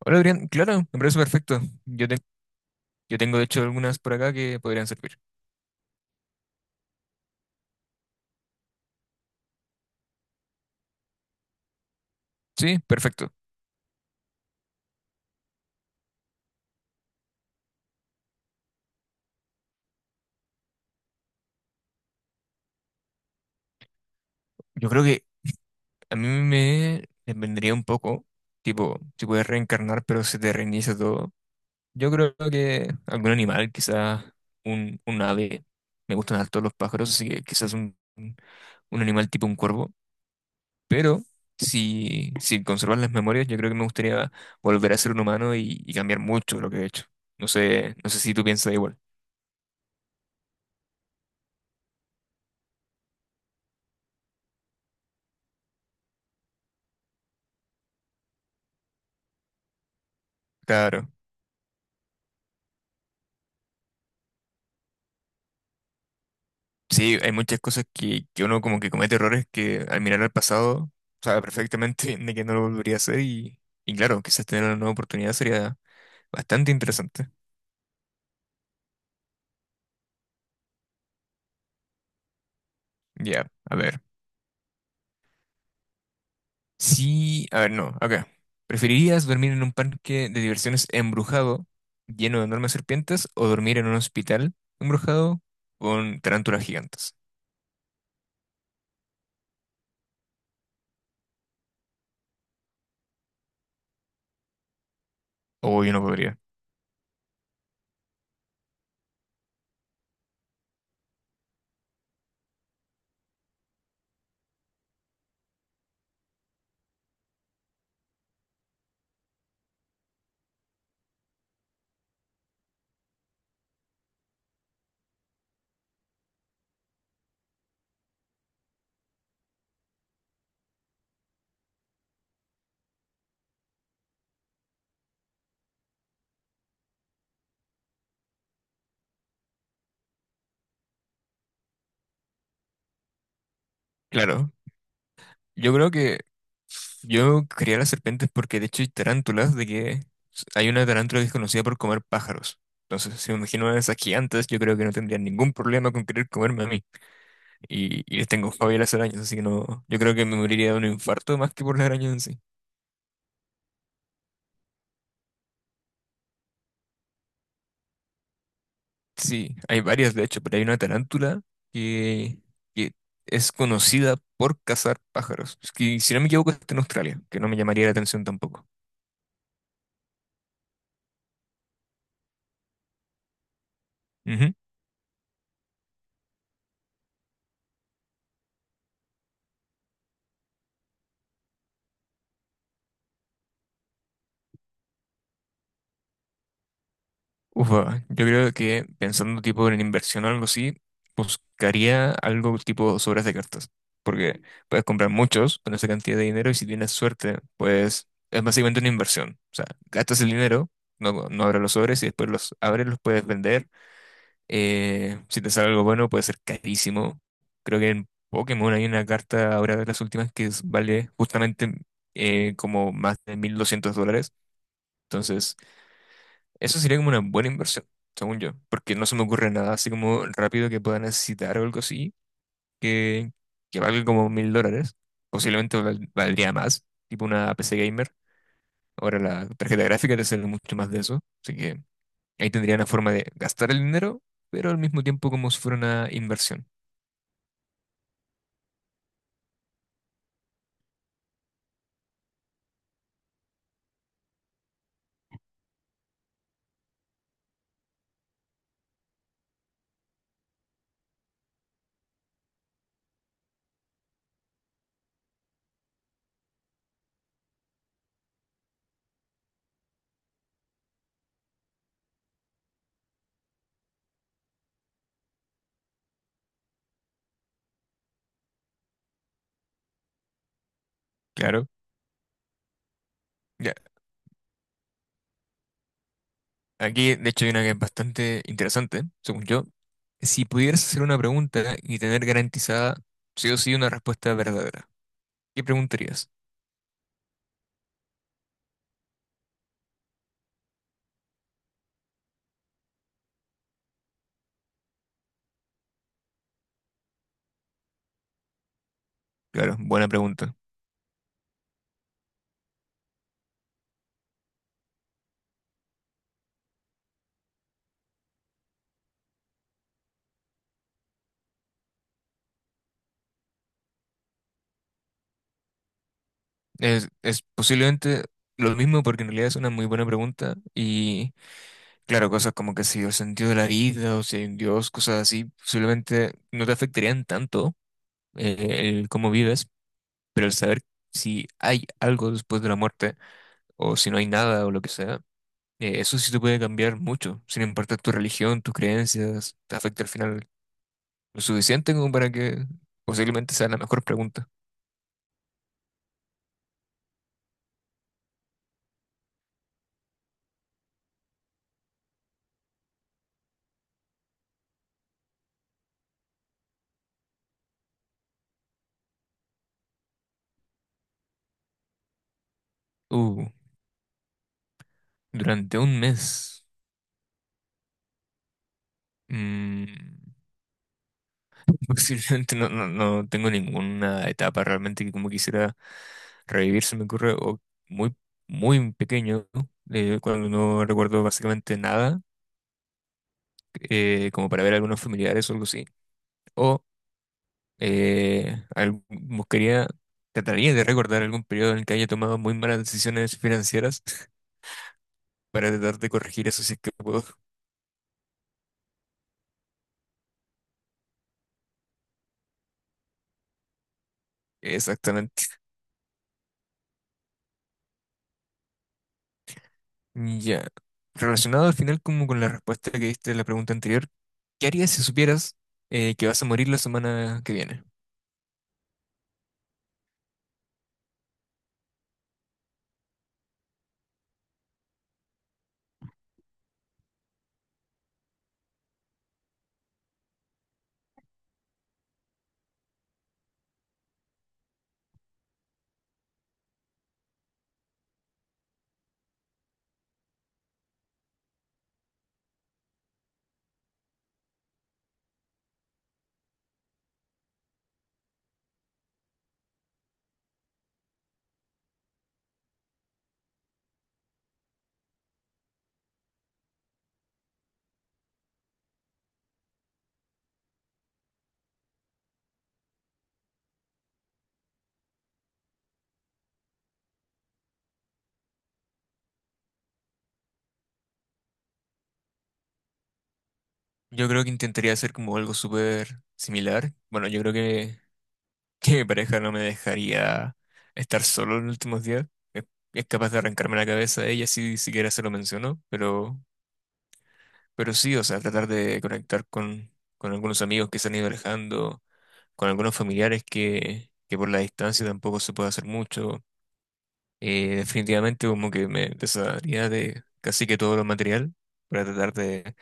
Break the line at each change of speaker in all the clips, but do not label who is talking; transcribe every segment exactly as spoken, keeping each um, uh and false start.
Hola Adrián, claro, me parece perfecto. Yo, te- yo tengo de hecho algunas por acá que podrían servir. Sí, perfecto. Yo creo que a mí me vendría un poco, tipo, si puedes reencarnar pero se te reinicia todo. Yo creo que algún animal, quizás un, un ave. Me gustan harto los pájaros, así que quizás un, un un animal tipo un cuervo. Pero si, si conservas las memorias, yo creo que me gustaría volver a ser un humano y, y cambiar mucho lo que he hecho. No sé, no sé si tú piensas igual. Claro. Sí, hay muchas cosas que, que uno como que comete errores que al mirar al pasado sabe perfectamente de que no lo volvería a hacer y, y claro, quizás tener una nueva oportunidad sería bastante interesante. Ya, a ver. Sí, a ver, no, acá. ¿Preferirías dormir en un parque de diversiones embrujado lleno de enormes serpientes o dormir en un hospital embrujado con tarántulas gigantes? O yo no podría. Claro, yo creo que yo quería las serpientes porque de hecho hay tarántulas, de que hay una tarántula que es conocida por comer pájaros. Entonces, si me imagino a esas gigantes, yo creo que no tendría ningún problema con querer comerme a mí. Y, y les tengo fobia a las arañas, así que no, yo creo que me moriría de un infarto más que por las arañas en sí. Sí, hay varias de hecho, pero hay una tarántula que, que es conocida por cazar pájaros. Es que, si no me equivoco, está en Australia, que no me llamaría la atención tampoco. Ujú. Ufa, yo creo que pensando tipo en inversión o algo así, buscaría algo tipo sobres de cartas, porque puedes comprar muchos con esa cantidad de dinero y si tienes suerte, pues es básicamente una inversión. O sea, gastas el dinero, no, no abres los sobres y después los abres, los puedes vender. Eh, si te sale algo bueno, puede ser carísimo. Creo que en Pokémon hay una carta ahora de las últimas que es- vale justamente eh, como más de mil doscientos dólares. Entonces... Eso sería como una buena inversión, según yo, porque no se me ocurre nada así como rápido que pueda necesitar o algo así, que, que valga como mil dólares. Posiblemente val- valdría más, tipo una P C gamer. Ahora la tarjeta gráfica te sale mucho más de eso, así que ahí tendría una forma de gastar el dinero, pero al mismo tiempo como si fuera una inversión. Claro, ya. Aquí, de hecho, hay una que es bastante interesante, según yo. Si pudieras hacer una pregunta y tener garantizada sí o sí una respuesta verdadera, ¿qué preguntarías? Claro, buena pregunta. Es, es posiblemente lo mismo porque en realidad es una muy buena pregunta y claro, cosas como que si el sentido de la vida o si hay un Dios, cosas así, posiblemente no te afectarían tanto, eh, el cómo vives, pero el saber si hay algo después de la muerte o si no hay nada o lo que sea, eh, eso sí te puede cambiar mucho, sin importar tu religión, tus creencias, te afecta al final lo suficiente como para que posiblemente sea la mejor pregunta. Uh, Durante un mes. Mm, posiblemente no, no, no tengo ninguna etapa realmente que como quisiera revivir, se me ocurre, o muy, muy pequeño, ¿no? Eh, cuando no recuerdo básicamente nada, eh, como para ver algunos familiares o algo así, o eh, al- buscaría, trataría de recordar algún periodo en el que haya tomado muy malas decisiones financieras para tratar de corregir eso si es que puedo. Exactamente. Ya. Relacionado al final como con la respuesta que diste a la pregunta anterior, ¿qué harías si supieras, eh, que vas a morir la semana que viene? Yo creo que intentaría hacer como algo súper similar. Bueno, yo creo que, que mi pareja no me dejaría estar solo en los últimos días. Es, es capaz de arrancarme la cabeza a ella si siquiera se lo mencionó, pero, pero sí, o sea, tratar de conectar con, con algunos amigos que se han ido alejando, con algunos familiares que, que por la distancia tampoco se puede hacer mucho. Eh, definitivamente como que me desharía de casi que todo lo material para tratar de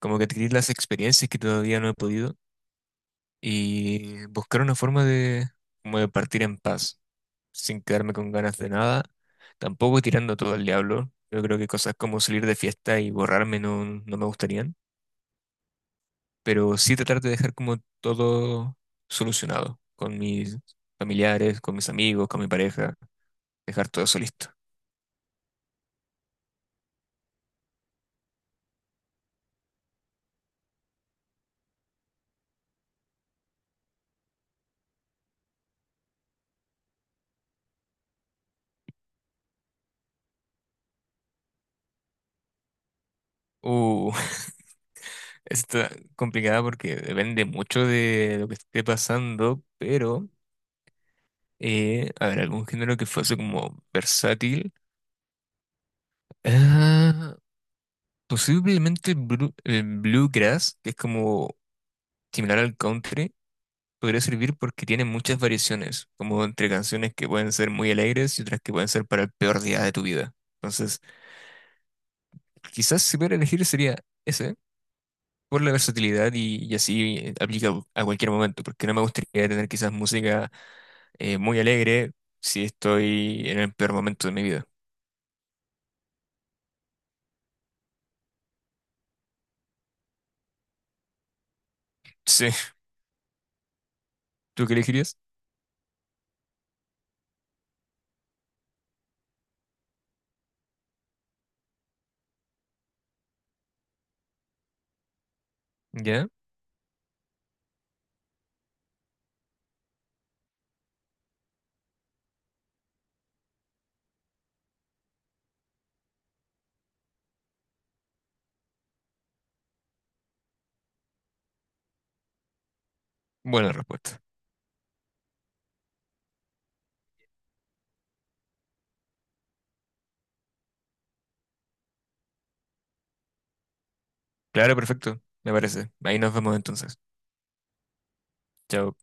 como que adquirir las experiencias que todavía no he podido y buscar una forma de, como de partir en paz, sin quedarme con ganas de nada, tampoco tirando todo al diablo. Yo creo que cosas como salir de fiesta y borrarme no, no me gustarían, pero sí tratar de dejar como todo solucionado con mis familiares, con mis amigos, con mi pareja, dejar todo eso listo. Uh, está complicada porque depende mucho de lo que esté pasando, pero Eh, a ver, algún género que fuese como versátil. Ah, posiblemente el, blu- el bluegrass, que es como similar al country, podría servir porque tiene muchas variaciones, como entre canciones que pueden ser muy alegres y otras que pueden ser para el peor día de tu vida. Entonces, quizás si pudiera elegir sería ese, por la versatilidad y, y así, eh, aplica a cualquier momento, porque no me gustaría tener quizás música, eh, muy alegre si estoy en el peor momento de mi vida. Sí, ¿tú qué elegirías? Ya. Buena respuesta. Claro, perfecto. Me parece. Ahí nos vemos entonces. Chao.